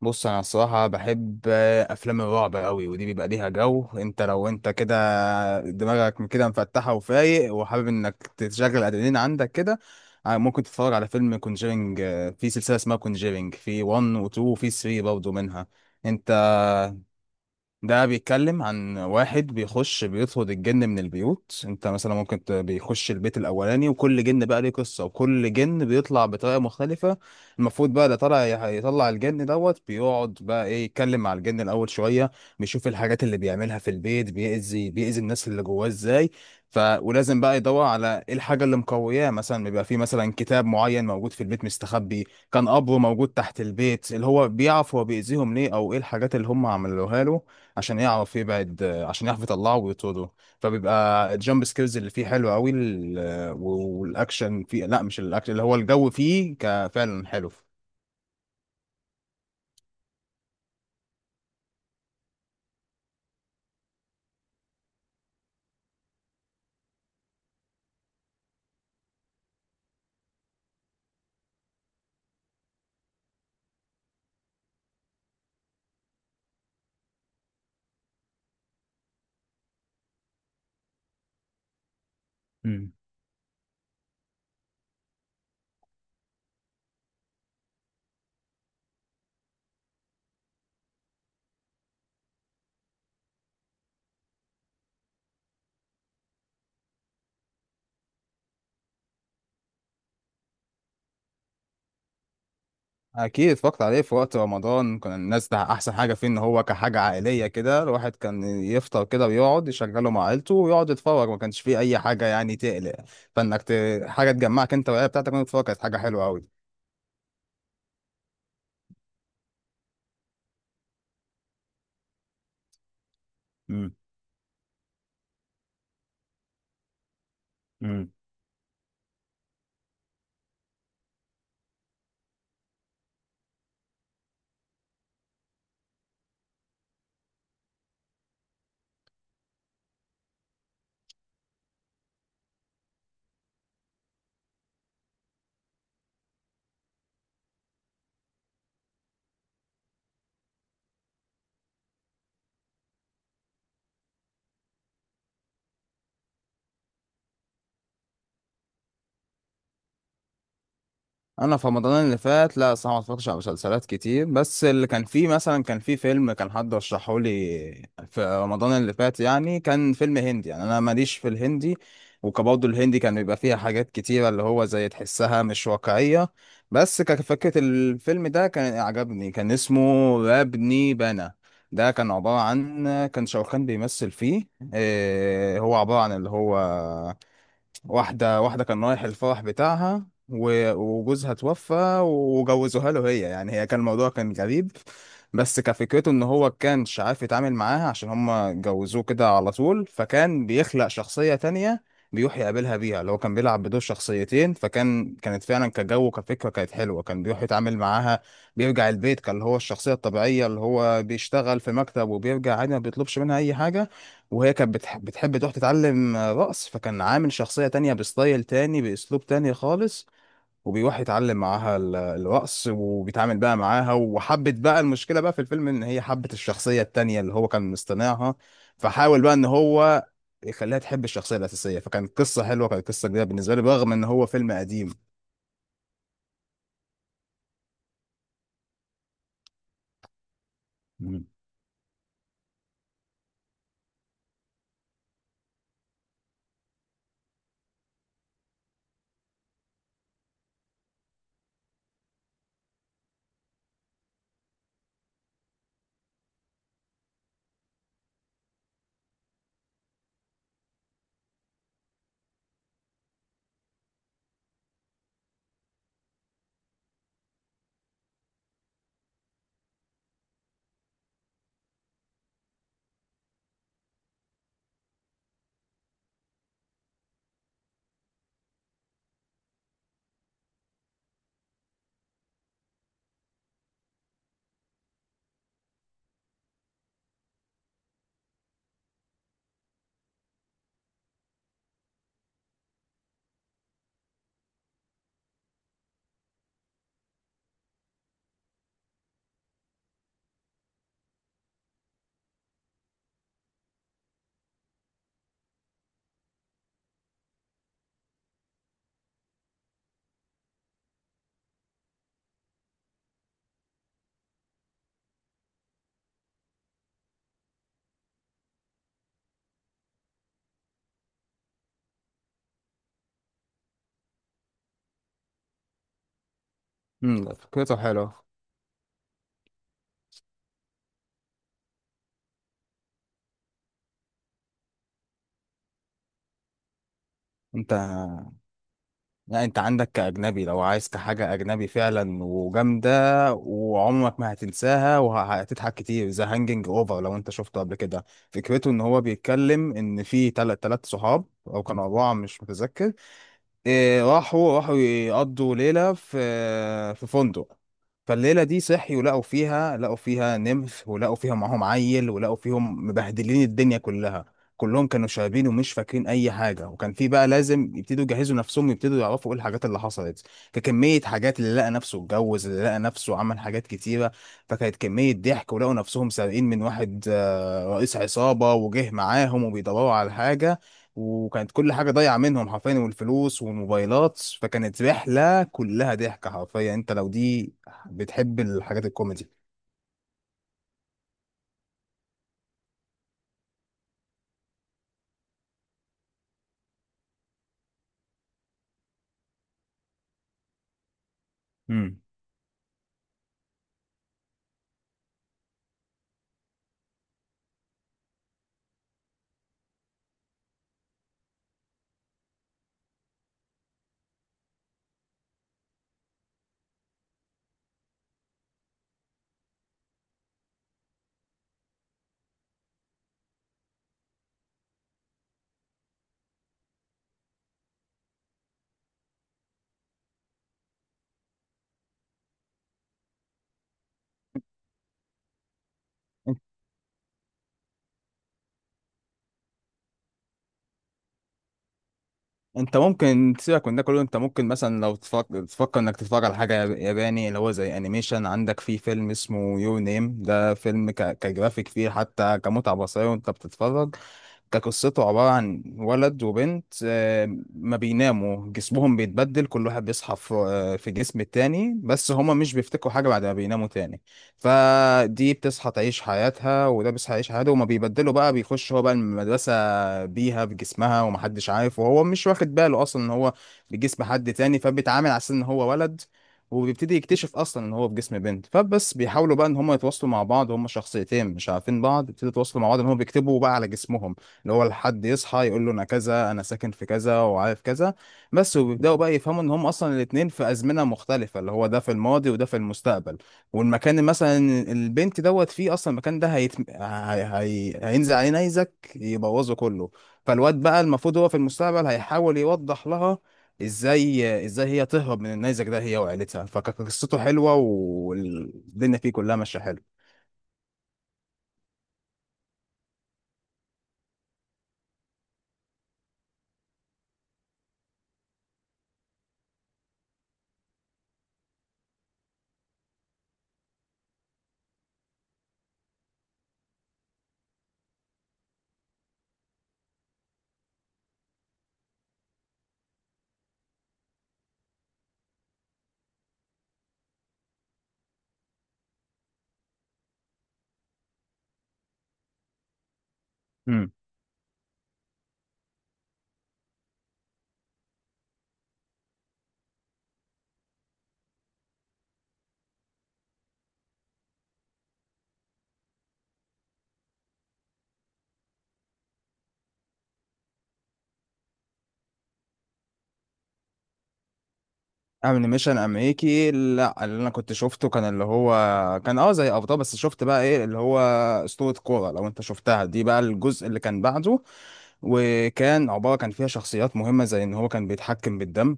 بص، انا الصراحه بحب افلام الرعب قوي، ودي بيبقى ليها جو. انت لو انت كده دماغك من كده مفتحه وفايق وحابب انك تشغل الادرينالين عندك كده، ممكن تتفرج على فيلم كونجيرنج. في سلسله اسمها كونجيرنج، في 1 و2 وفي 3 برضه منها، انت؟ ده بيتكلم عن واحد بيخش، بيطرد الجن من البيوت. انت مثلا ممكن بيخش البيت الاولاني، وكل جن بقى ليه قصة، وكل جن بيطلع بطريقة مختلفة. المفروض بقى ده يطلع الجن دوت، بيقعد بقى ايه، يتكلم مع الجن الاول شوية، بيشوف الحاجات اللي بيعملها في البيت، بيأذي الناس اللي جواه ازاي. ف ولازم بقى يدور على ايه الحاجة اللي مقوياه، مثلا بيبقى في مثلا كتاب معين موجود في البيت مستخبي، كان قبره موجود تحت البيت، اللي هو بيعرف هو بيأذيهم ليه، او ايه الحاجات اللي هم عملوها له، عشان يعرف يبعد، عشان يعرف يطلعه ويطرده. فبيبقى الجامب سكيلز اللي فيه حلو قوي، والاكشن فيه، لا، مش الاكشن، اللي هو الجو فيه فعلا حلو. اكيد اتفرجت عليه، في وقت رمضان كان الناس ده احسن حاجه فيه، ان هو كحاجه عائليه كده، الواحد كان يفطر كده ويقعد يشغله مع عيلته ويقعد يتفرج، ما كانش فيه اي حاجه يعني تقلق، فانك ت... حاجه تجمعك انت والعيله بتاعتك وانت بتتفرج، كانت حاجه حلوه قوي. امم. انا في رمضان اللي فات، لا، صراحه ما اتفرجتش على مسلسلات كتير، بس اللي كان فيه مثلا، كان فيه فيلم كان حد رشحه لي في رمضان اللي فات، يعني كان فيلم هندي، يعني انا ماليش في الهندي، وكبرضه الهندي كان بيبقى فيها حاجات كتيره اللي هو زي تحسها مش واقعيه، بس كفكره الفيلم ده كان عجبني، كان اسمه ربني بنا. ده كان عبارة عن، كان شاروخان بيمثل فيه، إيه هو عبارة عن اللي هو واحدة، واحدة كان رايح الفرح بتاعها وجوزها توفى، وجوزوها له، هي يعني هي كان الموضوع كان غريب، بس كفكرته ان هو كانش عارف يتعامل معاها عشان هما جوزوه كده على طول، فكان بيخلق شخصية تانية بيروح يقابلها بيها، اللي هو كان بيلعب بدور شخصيتين، فكان كانت فعلا كجو كفكرة كانت حلوة، كان بيروح يتعامل معاها، بيرجع البيت كان اللي هو الشخصية الطبيعية اللي هو بيشتغل في مكتب وبيرجع عادي ما بيطلبش منها أي حاجة، وهي كانت بتحب تروح تتعلم رقص، فكان عامل شخصية تانية بستايل تاني بأسلوب تاني خالص، وبيروح يتعلم معاها الرقص، وبيتعامل بقى معاها وحبت بقى، المشكلة بقى في الفيلم إن هي حبت الشخصية التانية اللي هو كان مصطنعها، فحاول بقى إن هو يخليها تحب الشخصية الأساسية، فكان قصة حلوة، كانت قصة جديدة بالنسبة لي، رغم إن هو فيلم قديم. مم. مم، فكرته حلوة. أنت لا، انت عندك كأجنبي لو عايز حاجة أجنبي فعلا وجامدة، وعمرك ما هتنساها وهتضحك كتير، ذا هانجنج اوفر، لو انت شفته قبل كده. فكرته ان هو بيتكلم ان في تلات صحاب او كانوا أربعة، مش متذكر، إيه، راحوا يقضوا ليلة في فندق، فالليلة دي صحي، ولقوا فيها نمث، ولقوا فيها معاهم عيل، ولقوا فيهم مبهدلين الدنيا كلها، كلهم كانوا شاربين ومش فاكرين أي حاجة، وكان في بقى لازم يبتدوا يجهزوا نفسهم، يبتدوا يعرفوا إيه الحاجات اللي حصلت، ككمية حاجات، اللي لقى نفسه اتجوز، اللي لقى نفسه عمل حاجات كتيرة، فكانت كمية ضحك، ولقوا نفسهم سارقين من واحد، رئيس عصابة وجه معاهم وبيدوروا على حاجة، وكانت كل حاجة ضايعة منهم حرفيا، والفلوس والموبايلات، فكانت رحلة كلها ضحك حرفيا، انت لو دي بتحب الحاجات الكوميدي. امم. انت ممكن تسيبك من ده كله، انت ممكن مثلا لو تفكر انك تتفرج على حاجة ياباني، اللي هو زي انيميشن، عندك في فيلم اسمه يور نيم، ده فيلم كجرافيك فيه، حتى كمتعة بصرية وانت بتتفرج. ده قصته عبارة عن ولد وبنت، ما بيناموا جسمهم بيتبدل، كل واحد بيصحى في جسم التاني، بس هما مش بيفتكروا حاجة بعد ما بيناموا تاني، فدي بتصحى تعيش حياتها، وده بيصحى يعيش حياته، وما بيبدلوا بقى بيخش هو بقى المدرسة بيها بجسمها، ومحدش عارف، وهو مش واخد باله أصلا إن هو بجسم حد تاني، فبيتعامل على أساس إن هو ولد، وبيبتدي يكتشف اصلا ان هو في جسم بنت، فبس بيحاولوا بقى ان هم يتواصلوا مع بعض، هم شخصيتين مش عارفين بعض، بيبتدوا يتواصلوا مع بعض ان هم بيكتبوا بقى على جسمهم، اللي هو الحد يصحى يقول له انا كذا، انا ساكن في كذا، وعارف كذا بس، وبيبداوا بقى يفهموا ان هم اصلا الاتنين في ازمنه مختلفه، اللي هو ده في الماضي وده في المستقبل، والمكان مثلا البنت دوت فيه، اصلا المكان ده هينزل عليه نيزك يبوظه كله، فالواد بقى المفروض هو في المستقبل هيحاول يوضح لها ازاي هي تهرب من النيزك ده هي وعيلتها، فقصته حلوه والدنيا فيه كلها ماشيه حلو. انيميشن امريكي، لا، اللي انا كنت شفته كان اللي هو كان زي ابطال، بس شفت بقى ايه اللي هو اسطورة كورة، لو انت شفتها، دي بقى الجزء اللي كان بعده، وكان عبارة كان فيها شخصيات مهمة زي ان هو كان بيتحكم بالدم،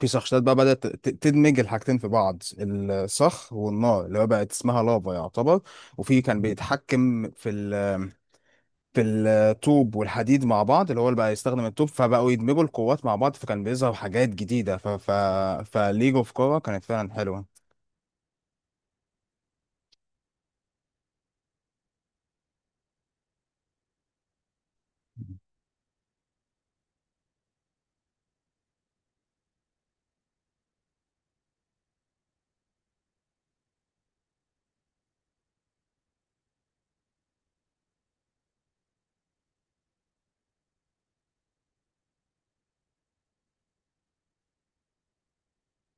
في شخصيات بقى بدأت تدمج الحاجتين في بعض، الصخر والنار اللي هو بقت اسمها لافا يعتبر، وفي كان بيتحكم في الطوب والحديد مع بعض اللي هو، اللي بقى يستخدم الطوب، فبقوا يدمجوا القوات مع بعض، فكان بيظهر حاجات جديدة فليج اوف كورة كانت فعلا حلوة.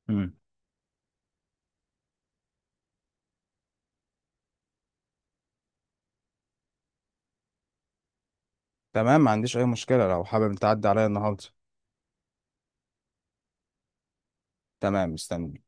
مم. تمام، ما عنديش أي مشكلة، لو حابب تعدي عليا النهاردة. تمام، مستني.